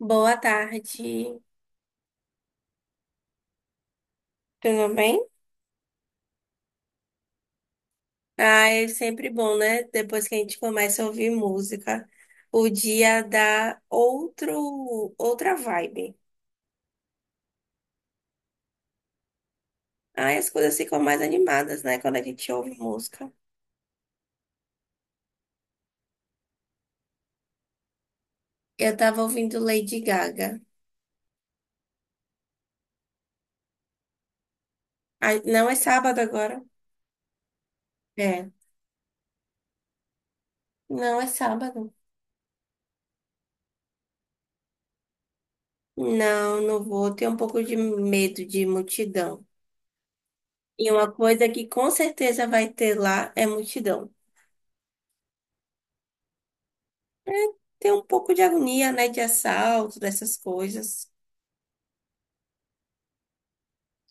Boa tarde, tudo bem? Ah, é sempre bom, né? Depois que a gente começa a ouvir música, o dia dá outro, outra vibe. Ah, as coisas ficam mais animadas, né? Quando a gente ouve música. Eu tava ouvindo Lady Gaga. Ah, não é sábado agora? É. Não é sábado. Não, não vou. Tenho um pouco de medo de multidão. E uma coisa que com certeza vai ter lá é multidão. É, tem um pouco de agonia, né? De assalto, dessas coisas.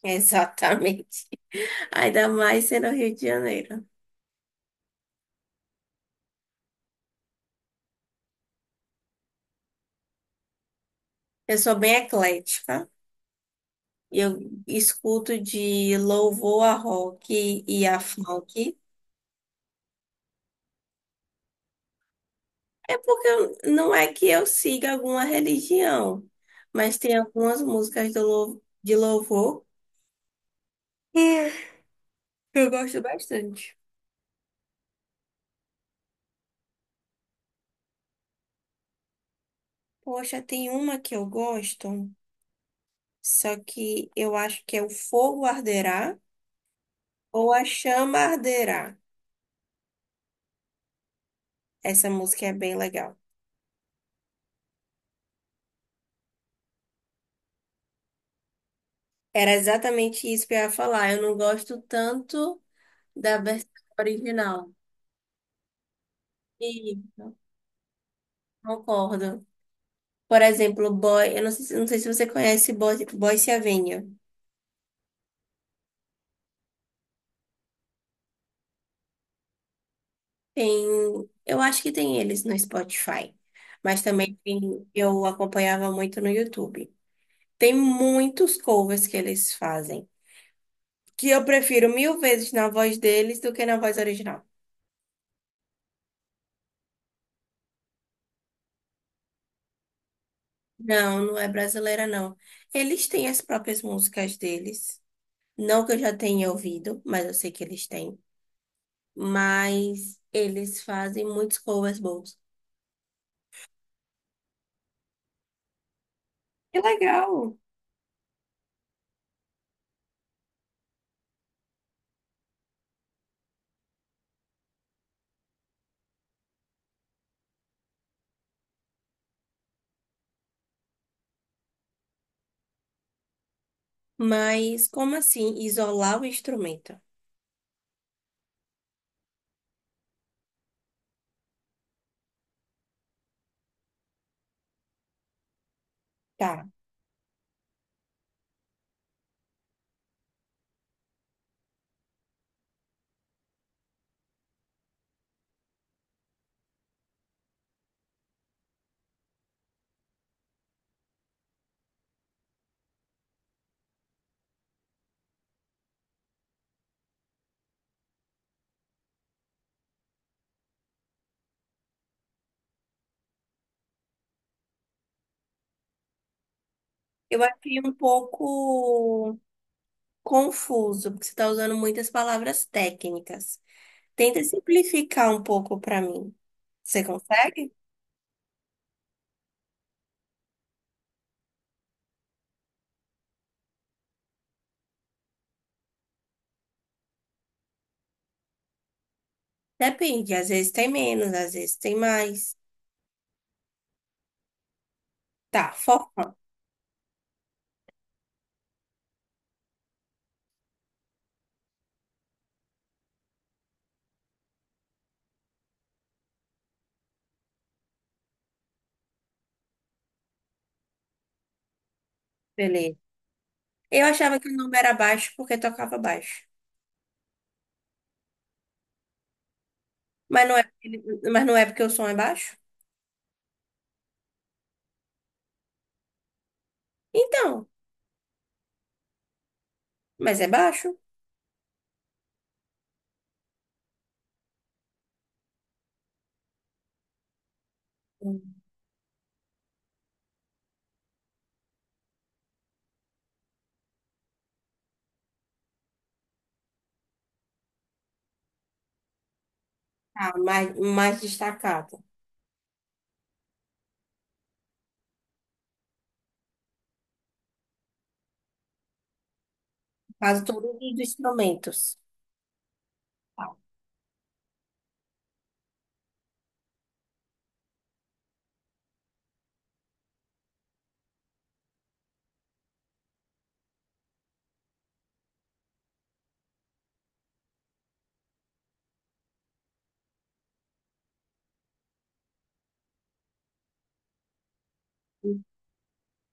Exatamente. Ainda mais sendo Rio de Janeiro. Eu sou bem eclética. Eu escuto de louvor a rock e a funk. É porque não é que eu siga alguma religião, mas tem algumas músicas do, de louvor que eu gosto bastante. Poxa, tem uma que eu gosto, só que eu acho que é O Fogo Arderá. Ou A Chama Arderá. Essa música é bem legal. Era exatamente isso que eu ia falar. Eu não gosto tanto da versão original. E concordo. Por exemplo, Boy, eu não sei, não sei se você conhece Boy, Boyz Avenue. Tem, eu acho que tem eles no Spotify, mas eu acompanhava muito no YouTube. Tem muitos covers que eles fazem, que eu prefiro mil vezes na voz deles do que na voz original. Não, não é brasileira, não. Eles têm as próprias músicas deles. Não que eu já tenha ouvido, mas eu sei que eles têm. Mas eles fazem muitos covers bons. Que legal. Mas como assim isolar o instrumento? Tá. Eu achei um pouco confuso, porque você está usando muitas palavras técnicas. Tenta simplificar um pouco para mim. Você consegue? Depende, às vezes tem menos, às vezes tem mais. Tá, forró, beleza. Eu achava que o nome era baixo porque tocava baixo. Mas não é, mas não é porque o som é baixo? Então, mas é baixo. Hum. Tá, mais, mais destacado. Quase todos os instrumentos. Tá.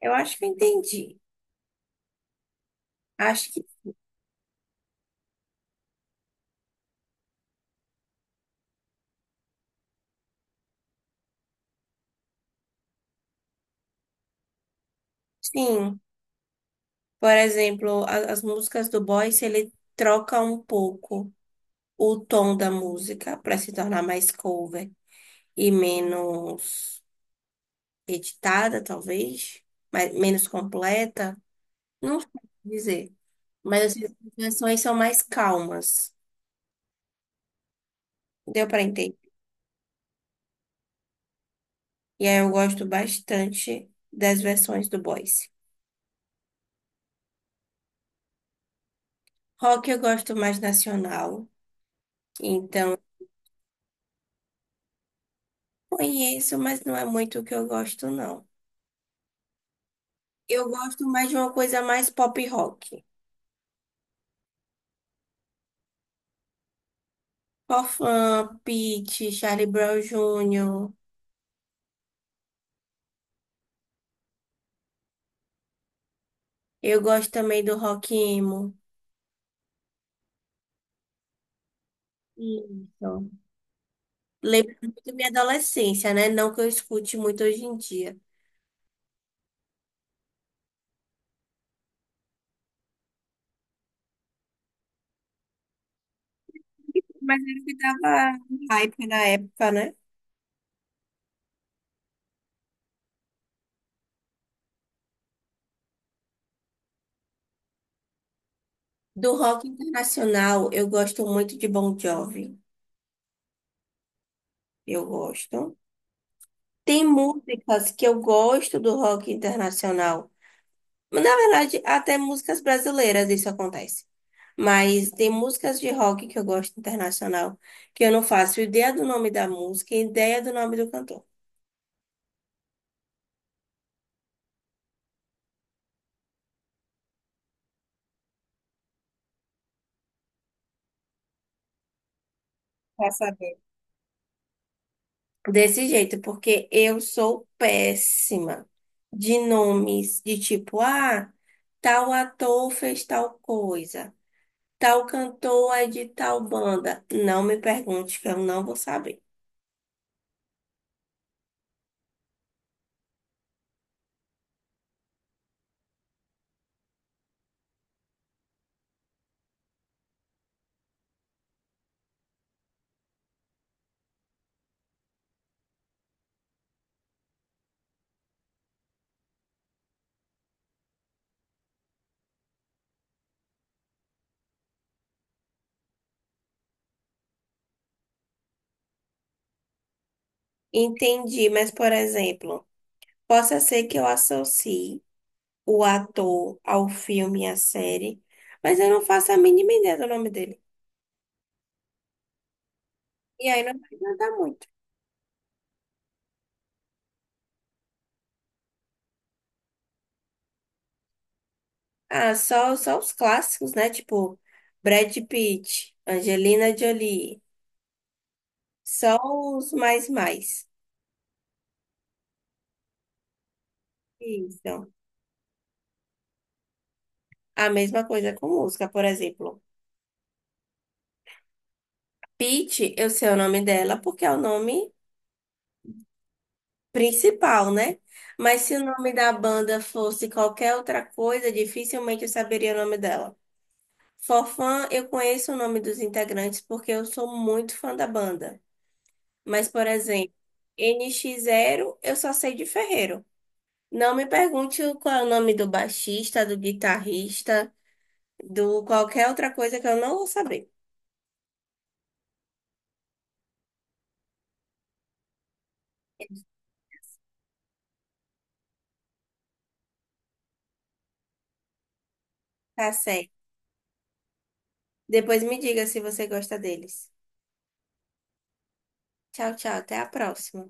Eu acho que eu entendi. Acho que sim. Por exemplo, as músicas do Boyce, ele troca um pouco o tom da música para se tornar mais cover e menos editada, talvez, mas menos completa. Não sei dizer. Mas assim, as versões são mais calmas. Deu pra entender. E aí eu gosto bastante das versões do Boyce. Rock eu gosto mais nacional. Então, conheço, mas não é muito o que eu gosto, não. Eu gosto mais de uma coisa mais pop rock. Forfun, Pitty, Charlie Brown Jr. Eu gosto também do rock emo. Isso. Lembro muito da minha adolescência, né? Não que eu escute muito hoje em dia. Mas ele que tava hype na época, né? Do rock internacional, eu gosto muito de Bon Jovi. Eu gosto. Tem músicas que eu gosto do rock internacional. Na verdade, até músicas brasileiras isso acontece. Mas tem músicas de rock que eu gosto internacional que eu não faço ideia do nome da música e ideia do nome do cantor. Pra saber. Desse jeito, porque eu sou péssima de nomes de tipo, ah, tal ator fez tal coisa. Tal cantor é de tal banda. Não me pergunte, que eu não vou saber. Entendi, mas por exemplo, possa ser que eu associe o ator ao filme e à série, mas eu não faço a mínima ideia do nome dele. E aí não vai ajudar muito. Ah, só, só os clássicos, né? Tipo, Brad Pitt, Angelina Jolie. Só os mais mais. Isso. A mesma coisa com música, por exemplo. Pitt, eu sei o nome dela porque é o nome principal, né? Mas se o nome da banda fosse qualquer outra coisa, dificilmente eu saberia o nome dela. Forfã, eu conheço o nome dos integrantes porque eu sou muito fã da banda. Mas, por exemplo, NX Zero, eu só sei de Ferreiro. Não me pergunte qual é o nome do baixista, do guitarrista, do qualquer outra coisa que eu não vou saber. Tá certo. Depois me diga se você gosta deles. Tchau, tchau. Até a próxima.